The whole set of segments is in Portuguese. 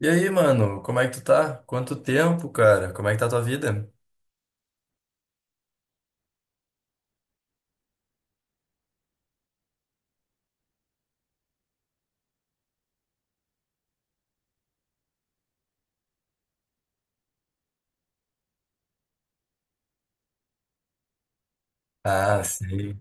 E aí, mano, como é que tu tá? Quanto tempo, cara? Como é que tá a tua vida? Ah, sei.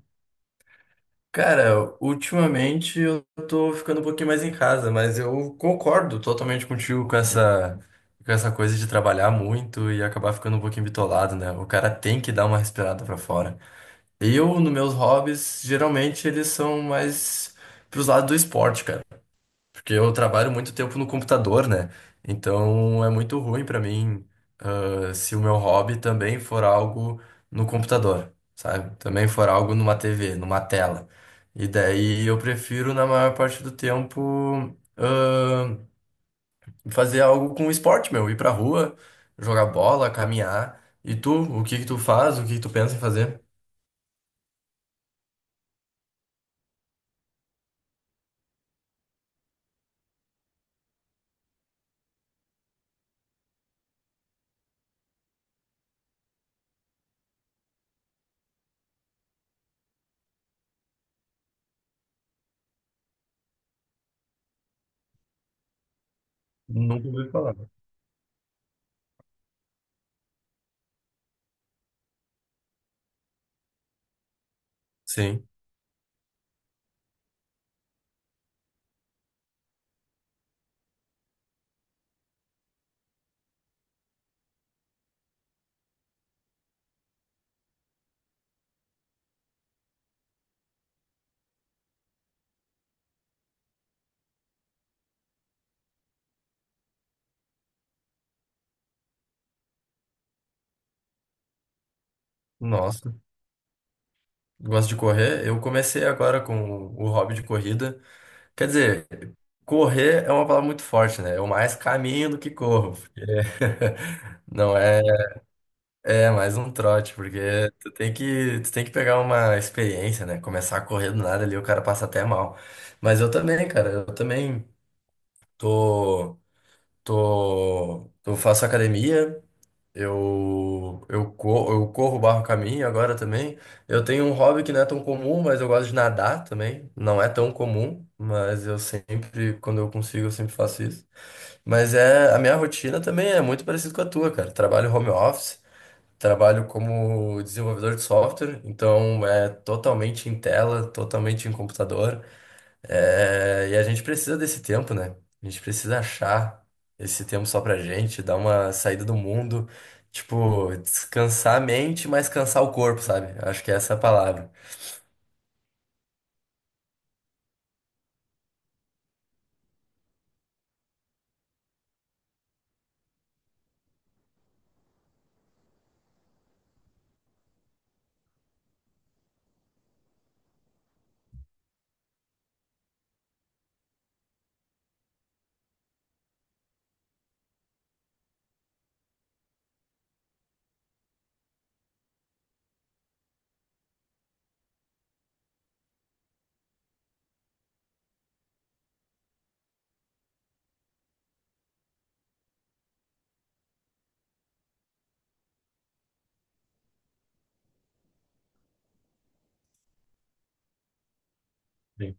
Cara, ultimamente eu tô ficando um pouquinho mais em casa, mas eu concordo totalmente contigo com essa coisa de trabalhar muito e acabar ficando um pouquinho bitolado, né? O cara tem que dar uma respirada pra fora. Eu, nos meus hobbies, geralmente eles são mais pros lados do esporte, cara. Porque eu trabalho muito tempo no computador, né? Então é muito ruim pra mim. Se o meu hobby também for algo no computador, sabe? Também for algo numa TV, numa tela. E daí eu prefiro, na maior parte do tempo, fazer algo com esporte, meu. Ir pra rua, jogar bola, caminhar. E tu, o que que tu faz? O que que tu pensa em fazer? Nunca ouvi falar. Sim, nossa. Gosto de correr. Eu comecei agora com o hobby de corrida. Quer dizer, correr é uma palavra muito forte, né? Eu mais caminho do que corro, porque não é, é mais um trote, porque tu tem que pegar uma experiência, né? Começar a correr do nada ali, o cara passa até mal. Mas eu também, cara, eu também tô, eu faço academia, eu corro, barro caminho agora também. Eu tenho um hobby que não é tão comum, mas eu gosto de nadar também. Não é tão comum, mas eu sempre, quando eu consigo, eu sempre faço isso. Mas é, a minha rotina também é muito parecida com a tua, cara. Trabalho home office, trabalho como desenvolvedor de software, então é totalmente em tela, totalmente em computador. É, e a gente precisa desse tempo, né? A gente precisa achar esse tempo só pra gente, dar uma saída do mundo, tipo, descansar a mente, mas cansar o corpo, sabe? Acho que essa é a palavra. Sim.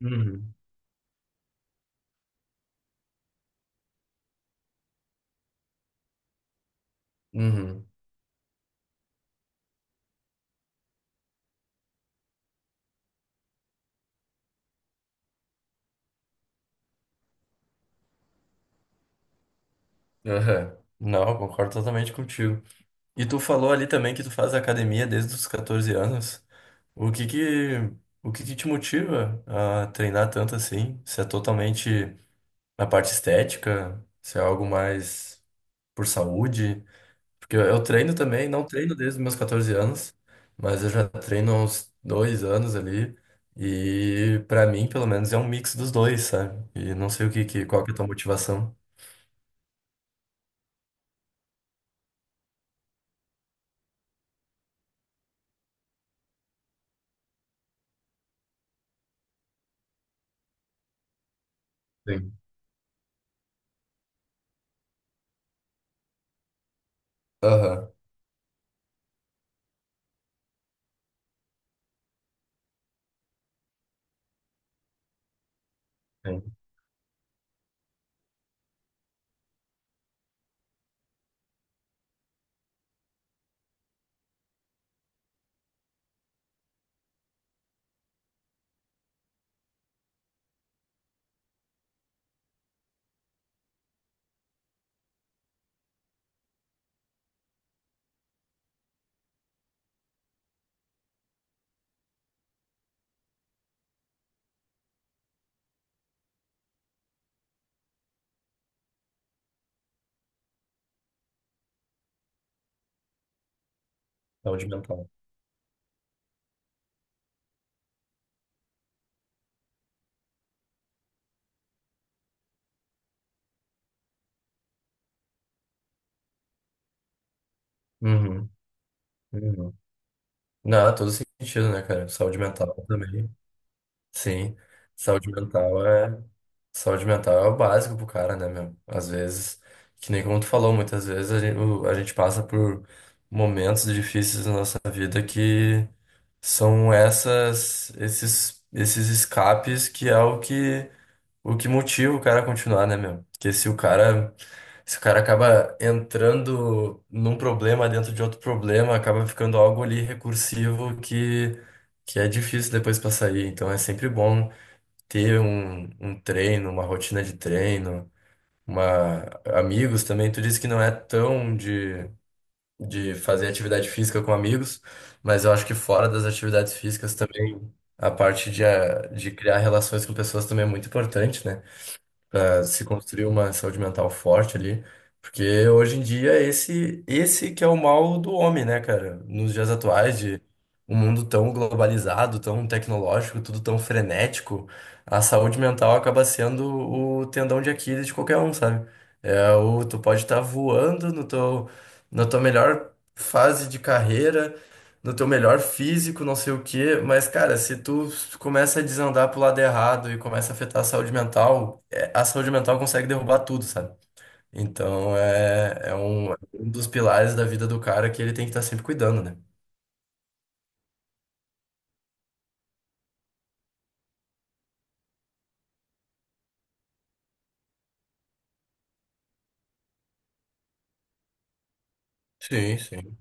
Uhum. Uhum. Aham. Não, eu concordo totalmente contigo. E tu falou ali também que tu faz academia desde os 14 anos. O que que, o que que te motiva a treinar tanto assim? Se é totalmente na parte estética? Se é algo mais por saúde? Porque eu treino também, não treino desde os meus 14 anos, mas eu já treino há uns dois anos ali. E pra mim, pelo menos, é um mix dos dois, sabe? E não sei o que, qual que é a tua motivação. Sim. Aham, sim. Saúde mental. Uhum, uhum. Não, todo sentido, né, cara? Saúde mental também. Sim. Saúde mental é. Saúde mental é o básico pro cara, né, meu? Às vezes, que nem como tu falou, muitas vezes a gente passa por momentos difíceis na nossa vida que são esses escapes que é o que motiva o cara a continuar, né, meu? Porque se o cara acaba entrando num problema dentro de outro problema, acaba ficando algo ali recursivo que é difícil depois pra sair. Então é sempre bom ter um treino, uma rotina de treino, uma... amigos também. Tu disse que não é tão de fazer atividade física com amigos, mas eu acho que fora das atividades físicas também, a parte de criar relações com pessoas também é muito importante, né? Para se construir uma saúde mental forte ali, porque hoje em dia é esse que é o mal do homem, né, cara? Nos dias atuais de um mundo tão globalizado, tão tecnológico, tudo tão frenético, a saúde mental acaba sendo o tendão de Aquiles de qualquer um, sabe? É o tu pode estar voando no teu na tua melhor fase de carreira, no teu melhor físico, não sei o quê, mas cara, se tu começa a desandar pro lado errado e começa a afetar a saúde mental consegue derrubar tudo, sabe? Então é um dos pilares da vida do cara que ele tem que estar sempre cuidando, né? Sim, sim.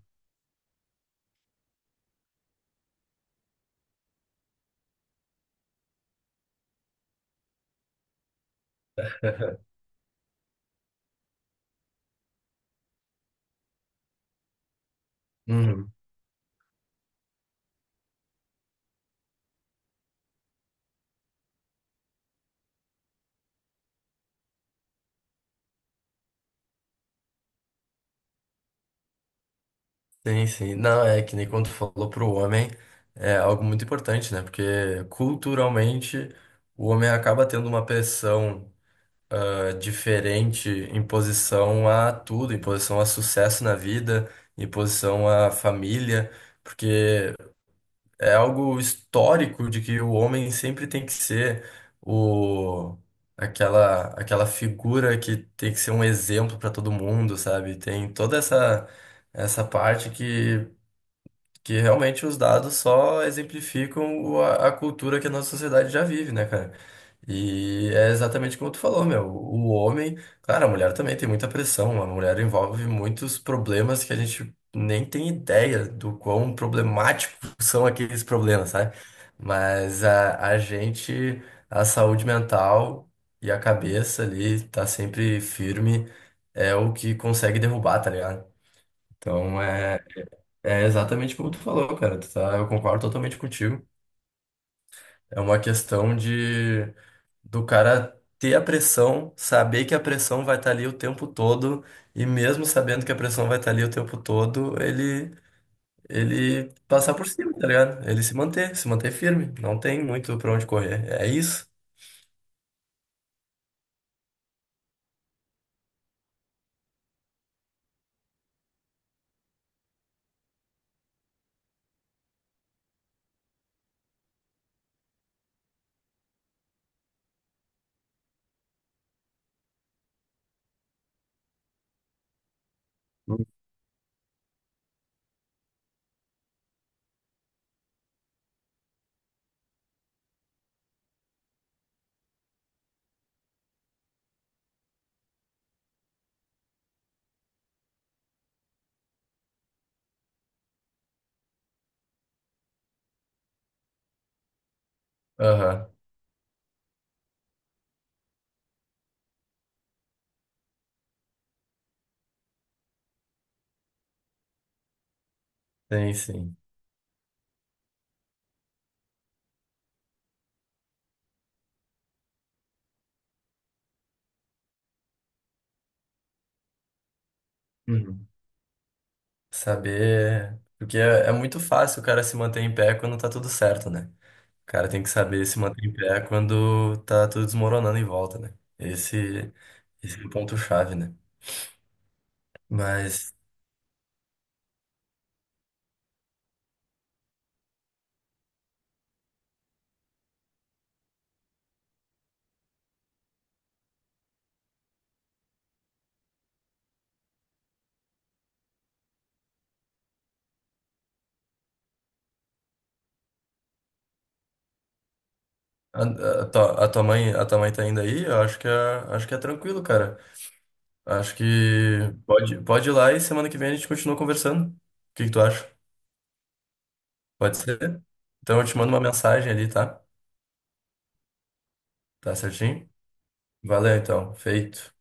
Uhum. Sim, sim. Não, é que nem quando tu falou pro homem, é algo muito importante, né? Porque culturalmente o homem acaba tendo uma pressão diferente em posição a tudo, em posição a sucesso na vida, em posição à família, porque é algo histórico de que o homem sempre tem que ser o aquela figura que tem que ser um exemplo para todo mundo, sabe? Tem toda essa parte que realmente os dados só exemplificam a cultura que a nossa sociedade já vive, né, cara? E é exatamente como tu falou, meu. O homem, claro, a mulher também tem muita pressão. A mulher envolve muitos problemas que a gente nem tem ideia do quão problemáticos são aqueles problemas, sabe? Mas a gente, a saúde mental e a cabeça ali tá sempre firme, é o que consegue derrubar, tá ligado? Então é exatamente como tu falou, cara. Tu tá, eu concordo totalmente contigo. É uma questão de do cara ter a pressão, saber que a pressão vai estar ali o tempo todo, e mesmo sabendo que a pressão vai estar ali o tempo todo, ele passar por cima, tá ligado? Ele se manter firme. Não tem muito pra onde correr. É isso? Uhum. Aham, tem sim. Uhum. Saber. Porque é muito fácil o cara se manter em pé quando tá tudo certo, né? Cara tem que saber se manter em pé quando tá tudo desmoronando em volta, né? Esse é o ponto-chave, né? Mas a, a tua mãe a tua mãe tá indo aí? Eu acho acho que é tranquilo, cara. Acho que pode ir lá e semana que vem a gente continua conversando. O que que tu acha? Pode ser? Então eu te mando uma mensagem ali, tá? Tá certinho? Valeu, então. Feito.